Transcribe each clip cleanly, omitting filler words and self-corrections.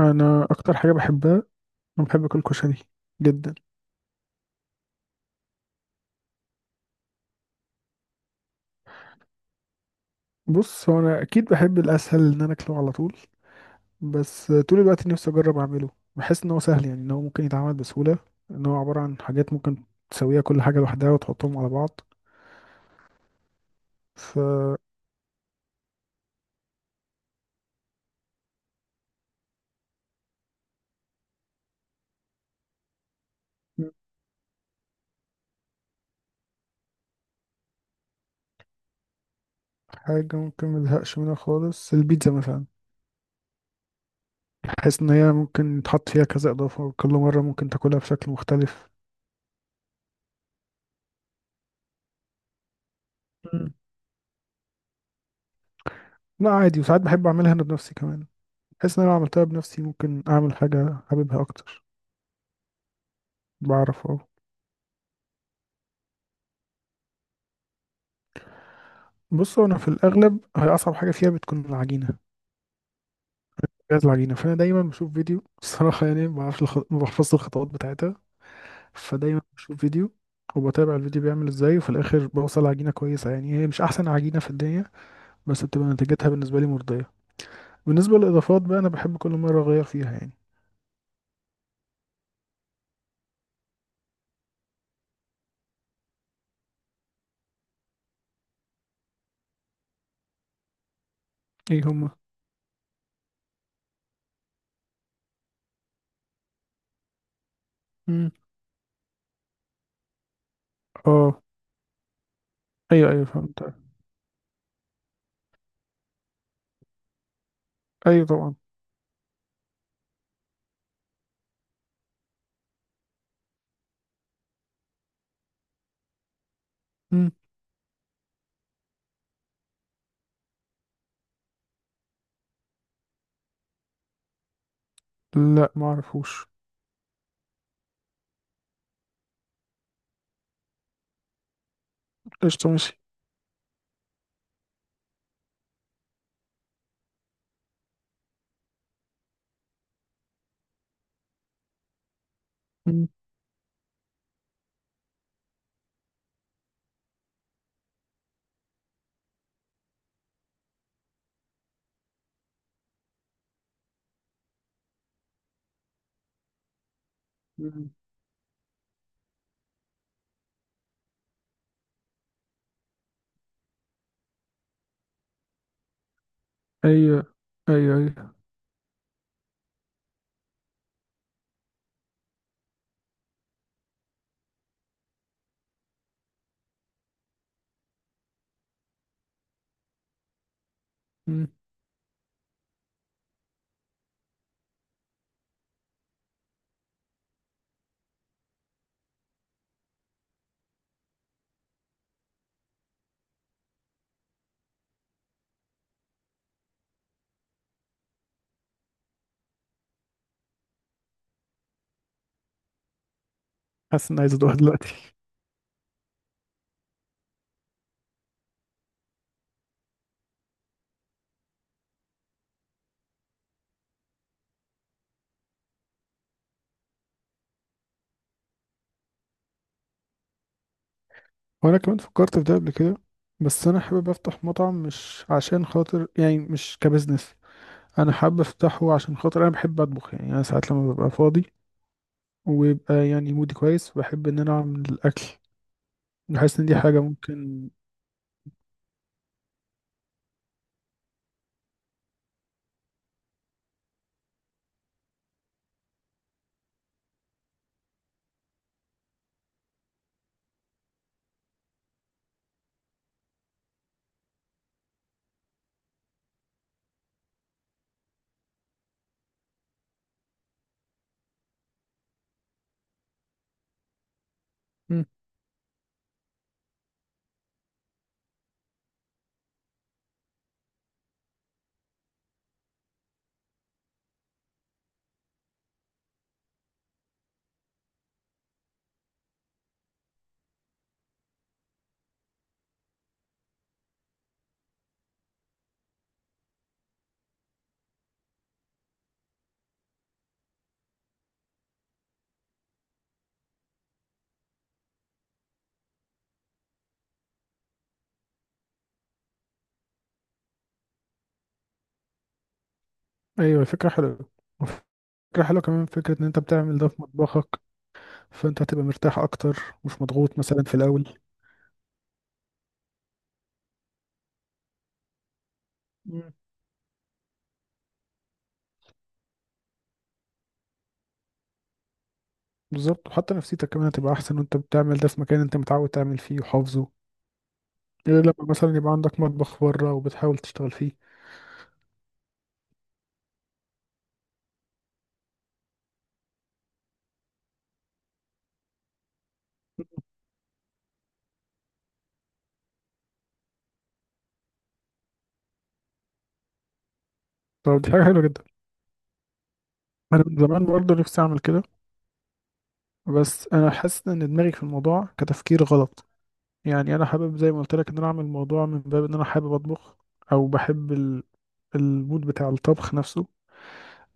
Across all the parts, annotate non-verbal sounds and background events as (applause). انا اكتر حاجه بحبها، انا بحب اكل كشري جدا. بص، هو انا اكيد بحب الاسهل ان انا اكله على طول، بس طول الوقت نفسي اجرب اعمله. بحس ان هو سهل، يعني ان هو ممكن يتعمل بسهوله، ان هو عباره عن حاجات ممكن تسويها كل حاجه لوحدها وتحطهم على بعض. ف حاجه ممكن مزهقش منها خالص البيتزا مثلا. بحس ان هي ممكن يتحط فيها كذا اضافه وكل مره ممكن تاكلها بشكل مختلف. مم. لا، عادي، وساعات بحب اعملها انا بنفسي كمان. بحس ان انا لو عملتها بنفسي ممكن اعمل حاجه حاببها اكتر. بعرف، اه. بص، هو انا في الاغلب هي اصعب حاجه فيها بتكون العجينه، جهاز العجينه. فانا دايما بشوف فيديو (laughs) الصراحه، يعني ما بحفظش الخطوات بتاعتها. فدايما بشوف فيديو وبتابع الفيديو بيعمل ازاي، وفي الاخر بوصل عجينه كويسه. يعني هي مش احسن عجينه في الدنيا، بس بتبقى نتيجتها بالنسبه لي مرضيه. بالنسبه للاضافات بقى، انا بحب كل مره اغير فيها يعني. ايه هما؟ مم. اه، ايوه ايوه فهمت. ايوه طبعا. مم. لا، ما اعرفوش. قشطه، ماشي. مم. مم. ايوه. ايوه ايوه. مم. حاسس اني عايز ادوقها دلوقتي. وانا كمان فكرت في ده قبل كده، بس انا حابب افتح مطعم مش عشان خاطر، يعني مش كبزنس. انا حابب افتحه عشان خاطر انا بحب اطبخ، يعني انا ساعات لما ببقى فاضي ويبقى يعني مودي كويس، بحب ان انا اعمل الاكل. بحس ان دي حاجة ممكن. مم. ايوه، فكرة حلوة. فكرة حلوة كمان فكرة ان انت بتعمل ده في مطبخك. فانت هتبقى مرتاح اكتر، مش مضغوط مثلا في الاول. مم. بالظبط، وحتى نفسيتك كمان هتبقى احسن وانت بتعمل ده في مكان انت متعود تعمل فيه وحافظه، غير لما مثلا يبقى عندك مطبخ بره وبتحاول تشتغل فيه. طب دي حاجة حلوة جدا. أنا من زمان برضه نفسي أعمل كده، بس أنا حاسس إن دماغي في الموضوع كتفكير غلط. يعني أنا حابب، زي ما قلت لك، إن أنا أعمل الموضوع من باب إن أنا حابب أطبخ، أو بحب المود بتاع الطبخ نفسه،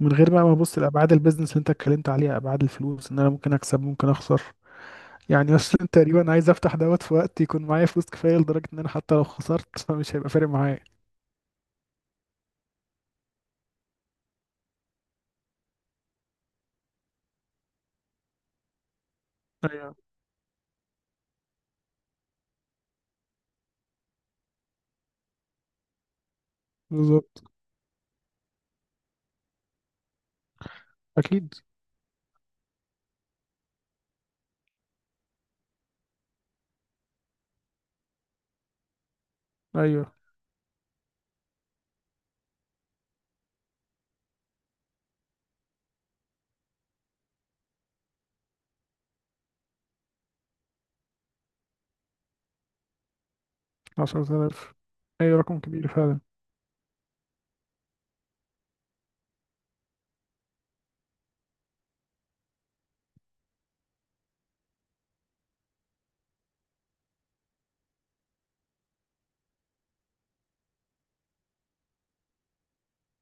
من غير بقى ما أبص لأبعاد البيزنس اللي أنت اتكلمت عليها، أبعاد الفلوس، إن أنا ممكن أكسب ممكن أخسر. يعني أصلا تقريبا عايز أفتح دوت في وقت يكون معايا فلوس كفاية لدرجة إن أنا حتى لو خسرت (laughs) فمش هيبقى فارق معايا. ايوه. بالظبط. أكيد. أيوه. 10,000. أي رقم كبير فعلا.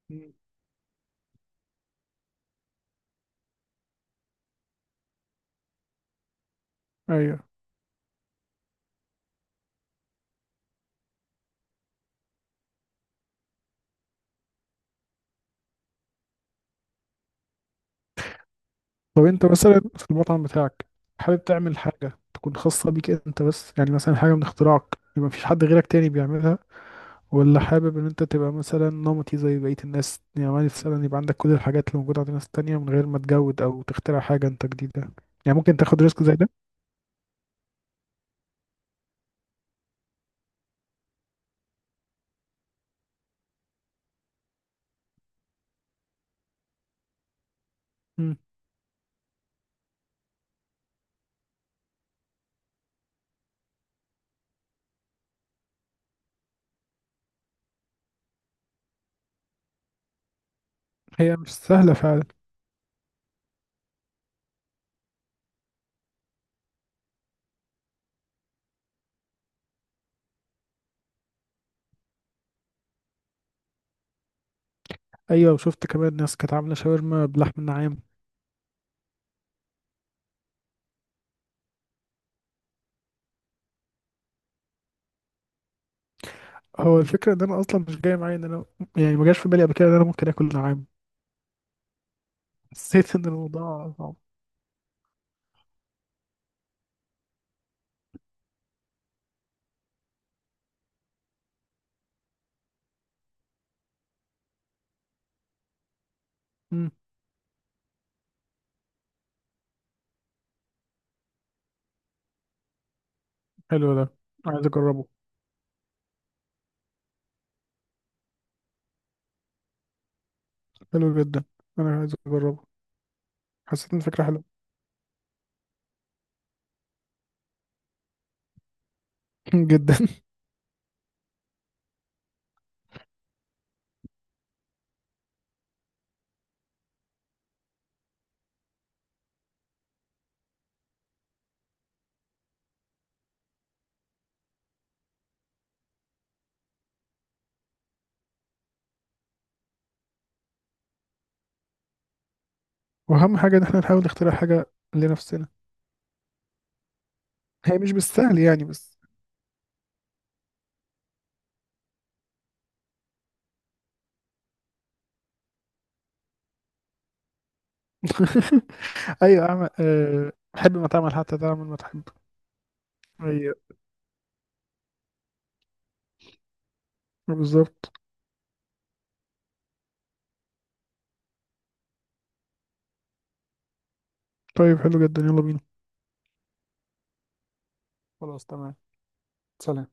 مم. أيوة. طب أنت مثلا في المطعم بتاعك، حابب تعمل حاجة تكون خاصة بيك أنت بس، يعني مثلا حاجة من اختراعك يبقى مفيش حد غيرك تاني بيعملها، ولا حابب إن أنت تبقى مثلا نمطي زي بقية الناس، يعني مثلا يبقى عندك كل الحاجات اللي موجودة عند الناس التانية من غير ما تجود أو تخترع حاجة أنت جديدة؟ يعني ممكن تاخد ريسك زي ده. مم. هي مش سهلة فعلا. أيوة، وشفت كمان ناس كانت عاملة شاورما بلحم النعام. هو الفكرة إن أنا أصلا مش جاي معايا إن أنا، يعني ما جاش في بالي قبل كده إن أنا ممكن آكل نعام. حسيت ان الموضوع صعب. مم. حلو ده، عايز اجربه. حلو جدا، انا عايز اجربه. حسيت ان الفكره حلوه. (laughs) جدا. واهم حاجه ان احنا نحاول نخترع حاجه لنفسنا. هي مش بالسهل يعني، بس. (laughs) ايوه، حب ما تعمل حتى تعمل ما تحب. ايوه، بالظبط. طيب، حلو جدا، يلا بينا. خلاص، تمام. سلام.